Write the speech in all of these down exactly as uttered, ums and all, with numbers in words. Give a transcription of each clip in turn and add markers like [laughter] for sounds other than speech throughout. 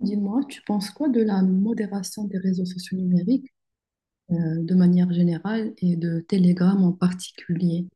Dis-moi, tu penses quoi de la modération des réseaux sociaux numériques euh, de manière générale et de Telegram en particulier?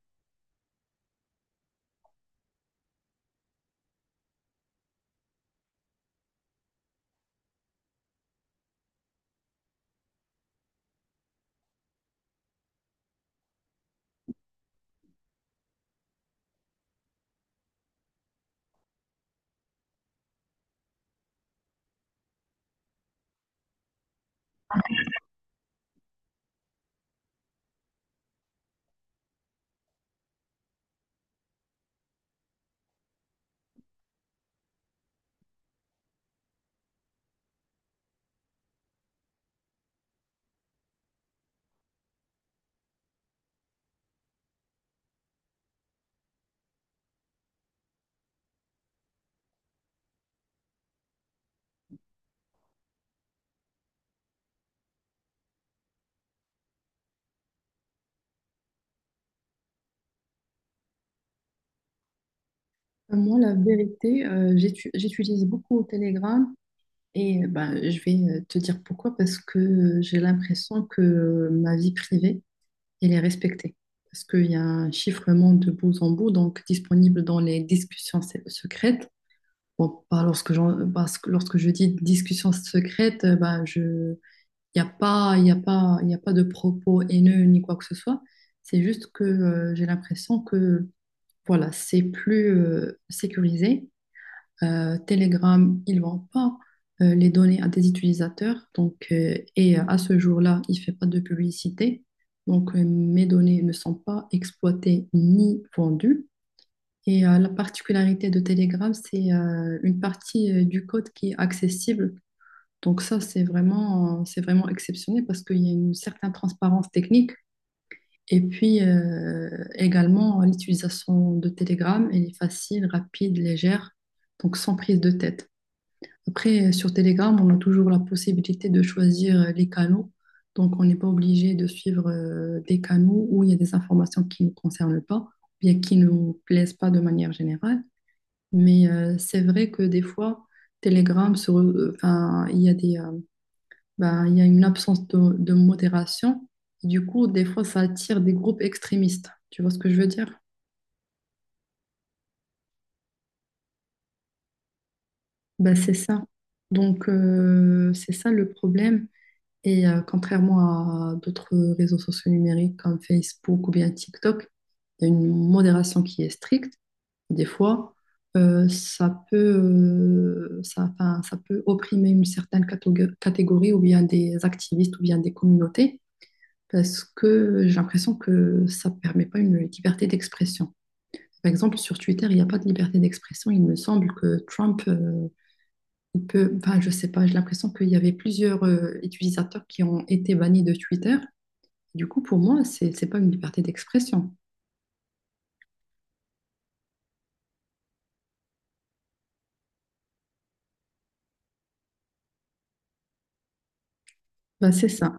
Euh, Moi, la vérité, euh, j'étu- j'utilise beaucoup Telegram et ben, je vais euh, te dire pourquoi, parce que j'ai l'impression que ma vie privée, elle est respectée. Parce qu'il y a un chiffrement de bout en bout, donc disponible dans les discussions se- secrètes. Bon, pas lorsque, j'en- parce que lorsque je dis discussions secrètes, euh, ben, je Il n'y a pas, il y a pas, il y a pas de propos haineux ni quoi que ce soit. C'est juste que euh, j'ai l'impression que voilà, c'est plus euh, sécurisé. Euh, Telegram, ils ne vendent pas euh, les données à des utilisateurs. Donc, euh, et euh, à ce jour-là, il ne fait pas de publicité. Donc, euh, mes données ne sont pas exploitées ni vendues. Et euh, la particularité de Telegram, c'est euh, une partie euh, du code qui est accessible donc ça, c'est vraiment, c'est vraiment exceptionnel parce qu'il y a une certaine transparence technique. Et puis euh, également, l'utilisation de Telegram, elle est facile, rapide, légère, donc sans prise de tête. Après, sur Telegram, on a toujours la possibilité de choisir euh, les canaux. Donc, on n'est pas obligé de suivre euh, des canaux où il y a des informations qui ne nous concernent pas, bien qui ne nous plaisent pas de manière générale. Mais euh, c'est vrai que des fois, Telegram, se re- euh, enfin, il y a des, euh, bah, il y a une absence de, de modération. Du coup, des fois, ça attire des groupes extrémistes. Tu vois ce que je veux dire? Bah, c'est ça. Donc, euh, c'est ça le problème. Et euh, contrairement à d'autres réseaux sociaux numériques comme Facebook ou bien TikTok, il y a une modération qui est stricte. Des fois, euh, ça peut, euh, ça, enfin, ça peut opprimer une certaine catég- catégorie ou bien des activistes ou bien des communautés. Parce que j'ai l'impression que ça ne permet pas une liberté d'expression. Par exemple, sur Twitter, il n'y a pas de liberté d'expression. Il me semble que Trump, euh, il peut, enfin, je ne sais pas, j'ai l'impression qu'il y avait plusieurs euh, utilisateurs qui ont été bannis de Twitter. Du coup, pour moi, c'est c'est pas une liberté d'expression. Ben, c'est ça.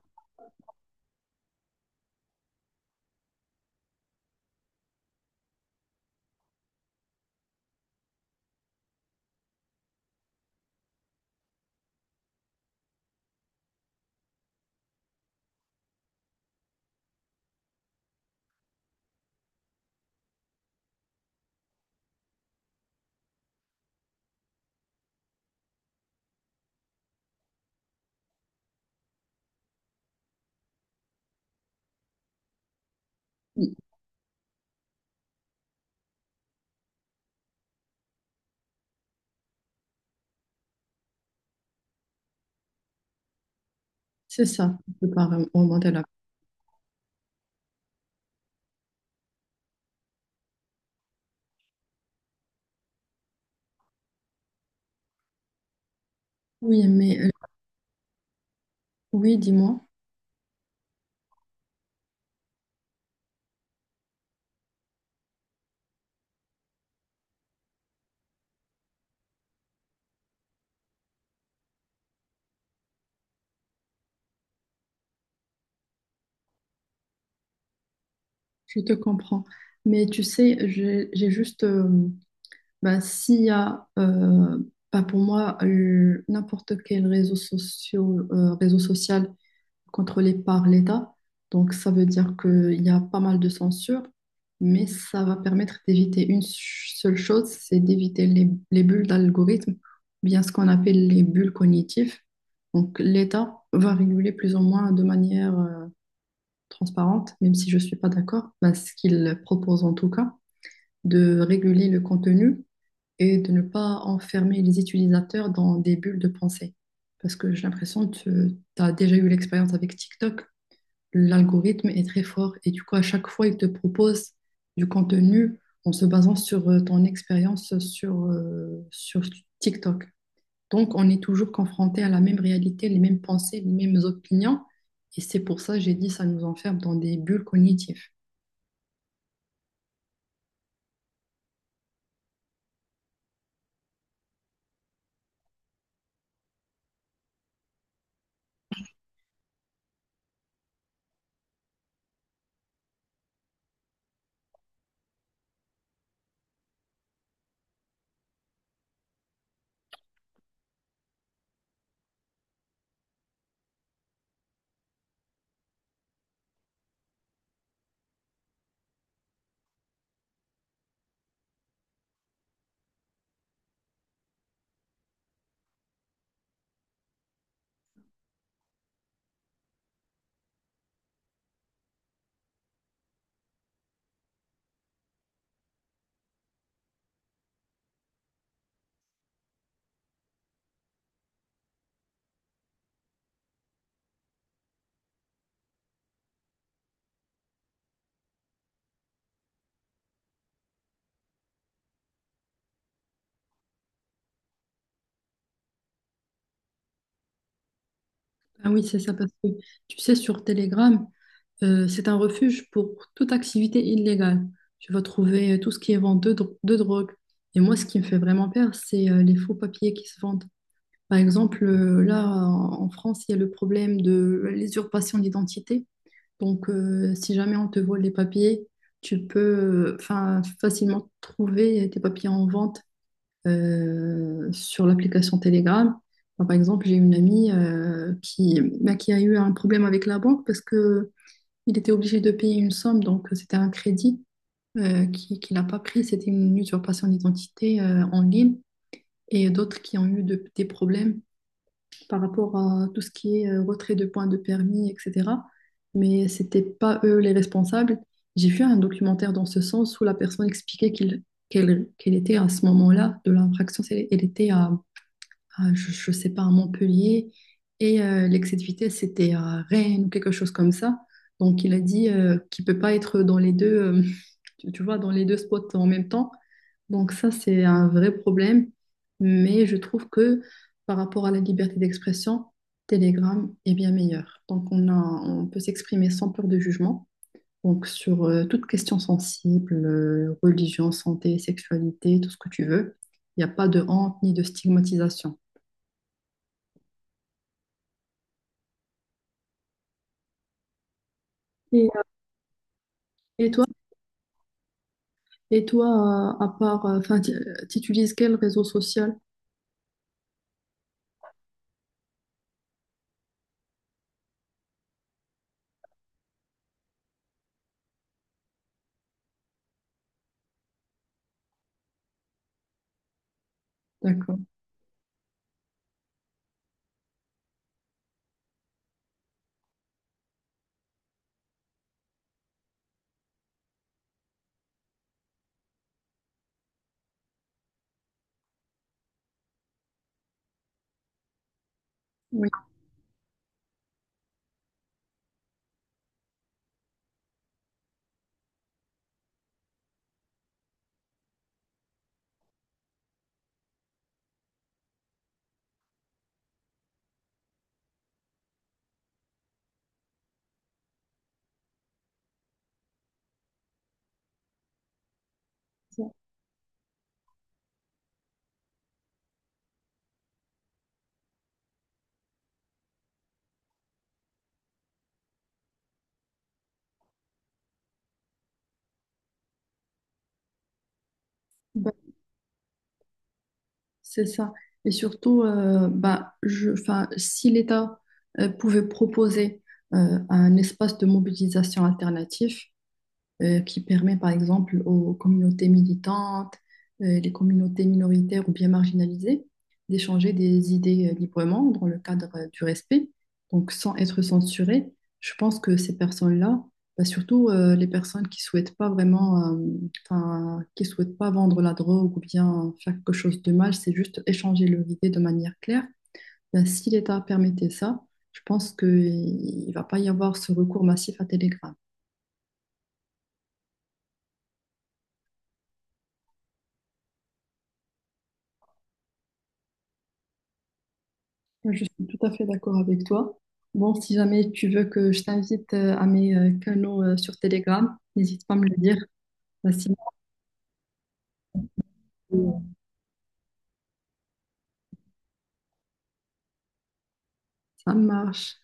Oui, c'est ça. Je ne peux pas remonter là. Oui, mais euh, oui, dis-moi, je te comprends. Mais tu sais, j'ai j'ai juste euh, ben, s'il y a, euh, ben, pour moi, le- n'importe quel réseau social, euh, réseau social contrôlé par l'État, donc ça veut dire qu'il y a pas mal de censure, mais ça va permettre d'éviter une ch- seule chose, c'est d'éviter les, les bulles d'algorithmes, ou bien ce qu'on appelle les bulles cognitives. Donc l'État va réguler plus ou moins de manière euh, transparente, même si je ne suis pas d'accord, ben, ce qu'il propose en tout cas, de réguler le contenu et de ne pas enfermer les utilisateurs dans des bulles de pensée. Parce que j'ai l'impression que tu as déjà eu l'expérience avec TikTok, l'algorithme est très fort et du coup, à chaque fois, il te propose du contenu en se basant sur euh, ton expérience sur, euh, sur TikTok. Donc, on est toujours confronté à la même réalité, les mêmes pensées, les mêmes opinions. Et c'est pour ça, j'ai dit, ça nous enferme dans des bulles cognitives. Ah oui, c'est ça, parce que tu sais, sur Telegram, Euh, c'est un refuge pour toute activité illégale. Tu vas trouver euh, tout ce qui est vente de, dro- de drogue. Et moi, ce qui me fait vraiment peur, c'est euh, les faux papiers qui se vendent. Par exemple, euh, là, en en France, il y a le problème de l'usurpation d'identité. Donc, euh, si jamais on te vole les papiers, tu peux euh, enfin, facilement trouver tes papiers en vente euh, sur l'application Telegram. Moi, par exemple, j'ai une amie euh, qui, bah, qui a eu un problème avec la banque parce que il était obligé de payer une somme, donc euh, c'était un crédit euh, qui, qu'il n'a pas pris. C'était une usurpation d'identité euh, en ligne et d'autres qui ont eu de- des problèmes par rapport à tout ce qui est euh, retrait de points de permis, et cetera. Mais c'était pas eux les responsables. J'ai vu un documentaire dans ce sens où la personne expliquait qu'il, qu'elle, qu'elle était à ce moment-là de l'infraction, elle était à euh, je ne sais pas, à Montpellier. Et euh, l'excès de vitesse, c'était à Rennes ou quelque chose comme ça. Donc, il a dit euh, qu'il ne peut pas être dans les deux, euh, [laughs] tu, tu vois, dans les deux spots en même temps. Donc, ça, c'est un vrai problème. Mais je trouve que par rapport à la liberté d'expression, Telegram est bien meilleur. Donc, on a, on peut s'exprimer sans peur de jugement. Donc, sur euh, toute question sensible, euh, religion, santé, sexualité, tout ce que tu veux, il n'y a pas de honte ni de stigmatisation. Et Et toi, et toi, euh, à part, euh, enfin, tu utilises quel réseau social? D'accord. Oui, c'est ça. Bah, c'est ça. Et surtout, euh, bah, je, enfin, si l'État euh, pouvait proposer euh, un espace de mobilisation alternatif, euh, qui permet par exemple aux communautés militantes, euh, les communautés minoritaires ou bien marginalisées d'échanger des idées euh, librement dans le cadre euh, du respect, donc sans être censurées. Je pense que ces personnes-là, bah, surtout euh, les personnes qui souhaitent pas vraiment, euh, enfin, qui souhaitent pas vendre la drogue ou bien faire quelque chose de mal, c'est juste échanger leurs idées de manière claire. Ben, si l'État permettait ça, je pense qu'il ne va pas y avoir ce recours massif à Telegram. Je suis tout à fait d'accord avec toi. Bon, si jamais tu veux que je t'invite euh, à mes euh, canaux euh, sur Telegram, n'hésite pas à me le dire. Bah, sinon, euh, ça marche.